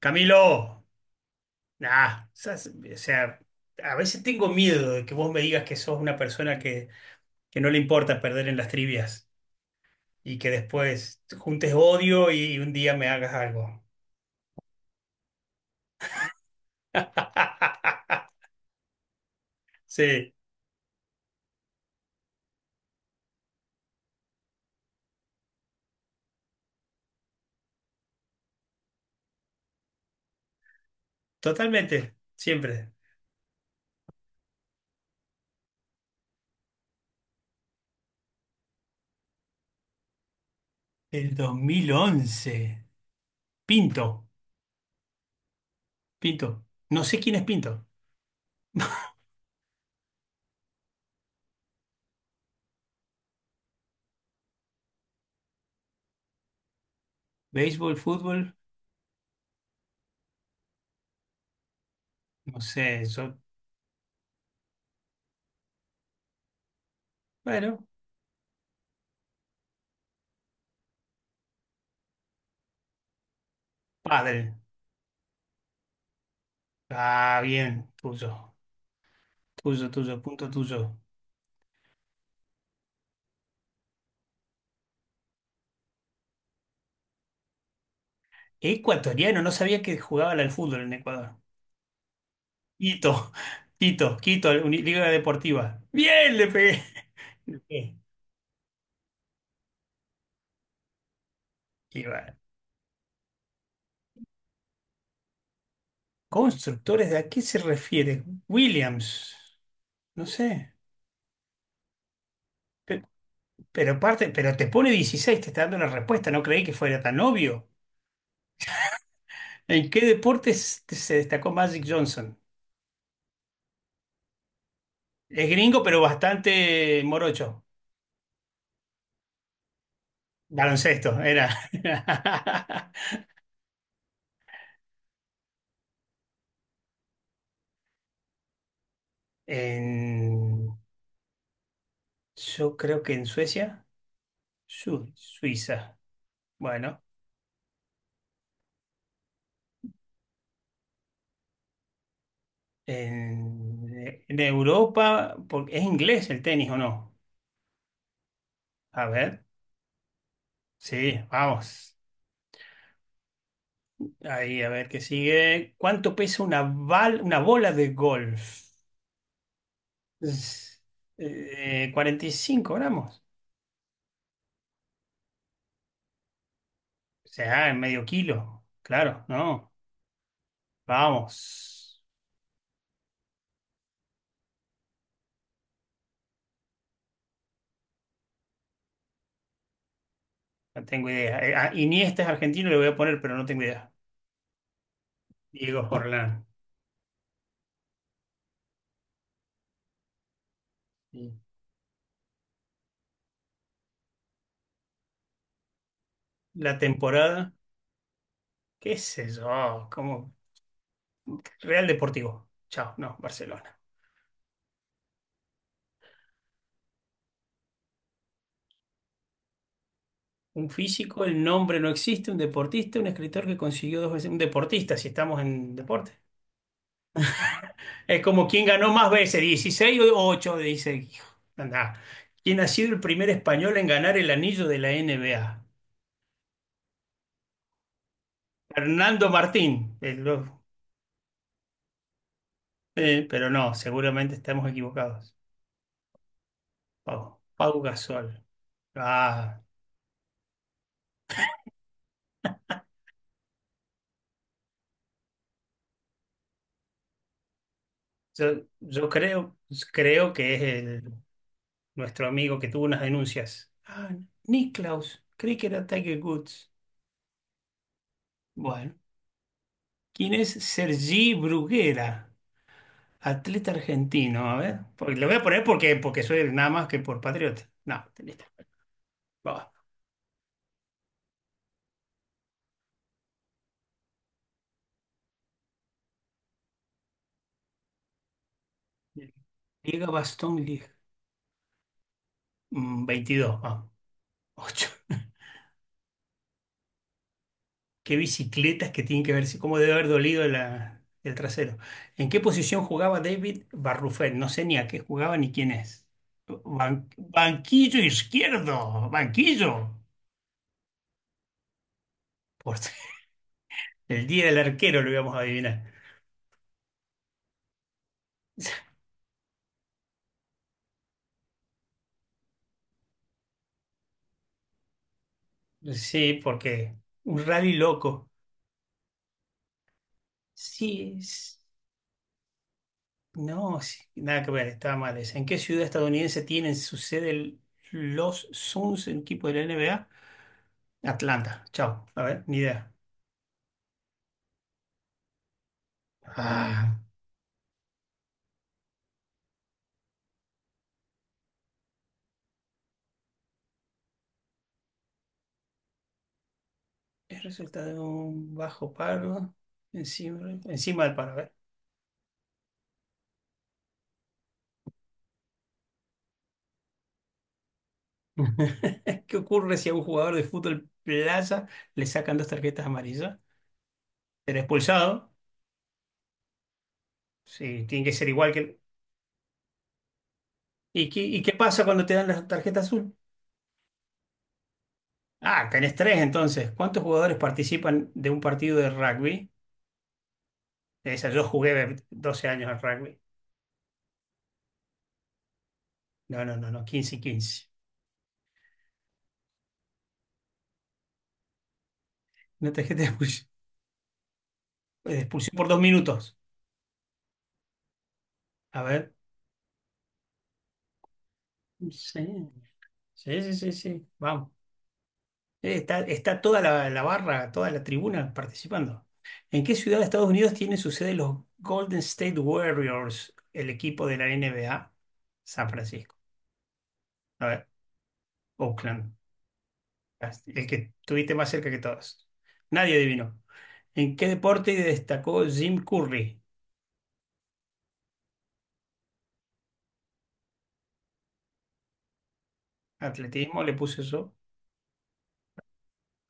Camilo, o sea, a veces tengo miedo de que vos me digas que sos una persona que no le importa perder en las trivias y que después juntes odio y un día me hagas algo. Sí, totalmente, siempre. El dos mil once, Pinto, Pinto. No sé quién es Pinto. Béisbol, fútbol, no sé, eso, bueno, padre. Ah, bien, tuyo, tuyo, tuyo, punto tuyo. Ecuatoriano, no sabía que jugaban al fútbol en Ecuador. Quito, Quito, Quito, Liga Deportiva. Bien, le pegué. Le pegué. Y va. Constructores, ¿de a qué se refiere? Williams, no sé. Pe- Pero, parte, pero te pone 16, te está dando la respuesta, no creí que fuera tan obvio. ¿En qué deporte se destacó Magic Johnson? Es gringo, pero bastante morocho. Baloncesto, era. En- yo creo que en Suecia. Suiza. Bueno, en Europa, ¿es inglés el tenis o no? A ver, sí, vamos. Ahí, a ver qué sigue. ¿Cuánto pesa una, una bola de golf? Es- 45 gramos. O sea, en medio kilo. Claro, no. Vamos. No tengo idea. A Iniesta es argentino, le voy a poner, pero no tengo idea. Diego Forlán. Sí. La temporada, qué sé yo, ¿cómo? Real Deportivo. Chao, no, Barcelona. Un físico, el nombre no existe, un deportista, un escritor que consiguió dos veces, un deportista, si estamos en deporte. Es como quien ganó más veces, dieciséis o ocho, dice, hijo. Andá. ¿Quién ha sido el primer español en ganar el anillo de la NBA? Fernando Martín. Pero no, seguramente estamos equivocados. Pau, Pau Gasol. Ah, yo creo, creo que es el nuestro amigo que tuvo unas denuncias. Ah, Niklaus, creí que era Tiger Woods. Bueno, ¿quién es Sergi Bruguera? Atleta argentino, a ver. Lo voy a poner porque soy nada más que por patriota. No, listo. Va. Liga Bastón Liga. 22, vamos. 8. Qué bicicletas que tienen que ver, si, cómo debe haber dolido el trasero. ¿En qué posición jugaba David Barrufet? No sé ni a qué jugaba ni quién es. Banquillo izquierdo, banquillo. Por el día del arquero lo íbamos a adivinar. Sí, porque un rally loco. Sí, no, sí, nada que ver, estaba mal esa. ¿En qué ciudad estadounidense tienen su sede los Suns, el equipo de la NBA? Atlanta, chao, a ver, ni idea. Ah. Es resultado de un bajo paro encima, encima del paro. A ver. ¿Qué ocurre si a un jugador de fútbol plaza le sacan dos tarjetas amarillas? Será expulsado. Sí, tiene que ser igual que... ¿Y qué pasa cuando te dan la tarjeta azul? Ah, tenés tres entonces. ¿Cuántos jugadores participan de un partido de rugby? Esa, yo jugué 12 años al rugby. No, no, no, no, 15 y 15. Una tarjeta de expulsión por dos minutos. A ver. Sí, sí, sí, sí, sí. Vamos. Está, está toda la barra, toda la tribuna participando. ¿En qué ciudad de Estados Unidos tienen su sede los Golden State Warriors, el equipo de la NBA? San Francisco. A ver, Oakland, el que estuviste más cerca que todos. Nadie adivinó. ¿En qué deporte destacó Jim Curry? Atletismo, le puse eso.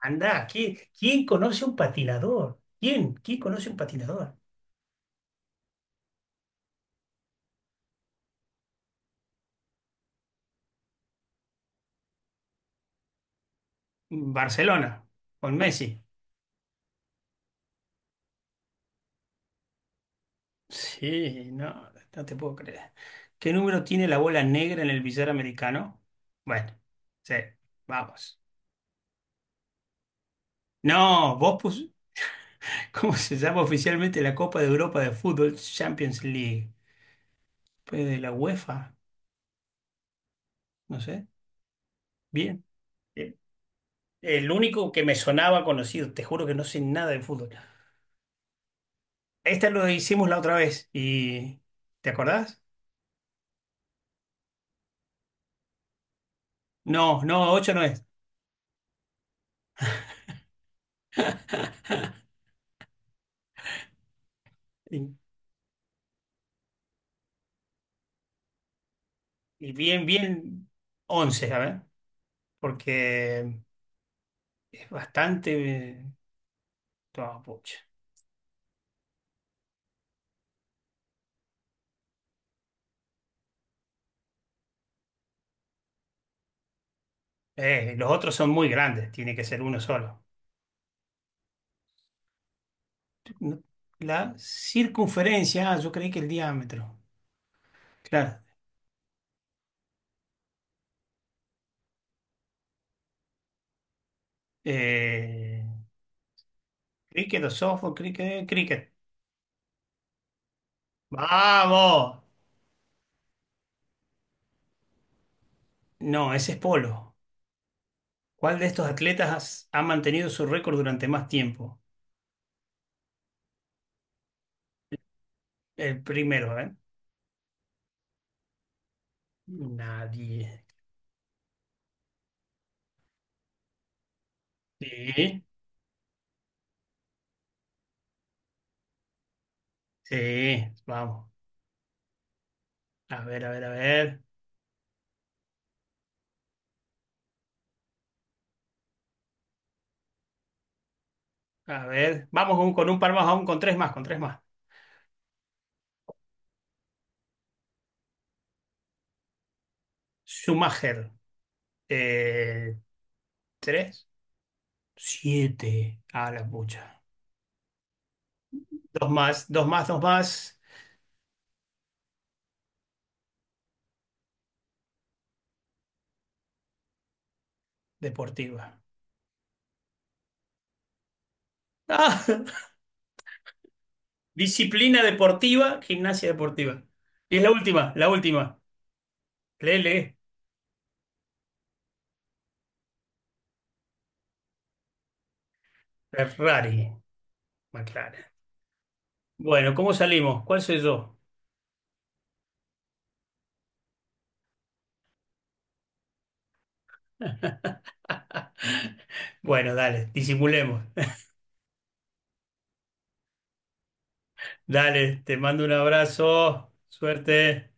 Andá, ¿quién conoce un patinador? ¿Quién? ¿Quién conoce un patinador? Barcelona, con Messi. Sí, no, no te puedo creer. ¿Qué número tiene la bola negra en el billar americano? Bueno, sí, vamos. No, vos pus... ¿Cómo se llama oficialmente la Copa de Europa de Fútbol Champions League? Pues de la UEFA, no sé. Bien, bien. El único que me sonaba conocido, te juro que no sé nada de fútbol. Esta lo hicimos la otra vez y... ¿Te acordás? No, no, ocho no es. Y, y bien, bien, once, a ver, porque... Bastante. eh, no, pucha. Los otros son muy grandes, tiene que ser uno solo. No, la circunferencia, ah, yo creí que el diámetro. Claro. Eh, Cricket o softball, cricket, cricket. ¡Vamos! No, ese es polo. ¿Cuál de estos atletas ha mantenido su récord durante más tiempo? El primero, ¿eh? Nadie. Sí, sí, vamos. A ver, a ver, a ver. A ver. Vamos con un par más, aún con tres más, con tres más. Schumacher, eh, tres, siete, a la pucha. Dos más, dos más, dos más, deportiva. Ah, disciplina deportiva, gimnasia deportiva. Y es la última, la última. Lele, Ferrari, McLaren. Bueno, ¿cómo salimos? ¿Cuál soy yo? Bueno, dale, disimulemos. Dale, te mando un abrazo. Suerte.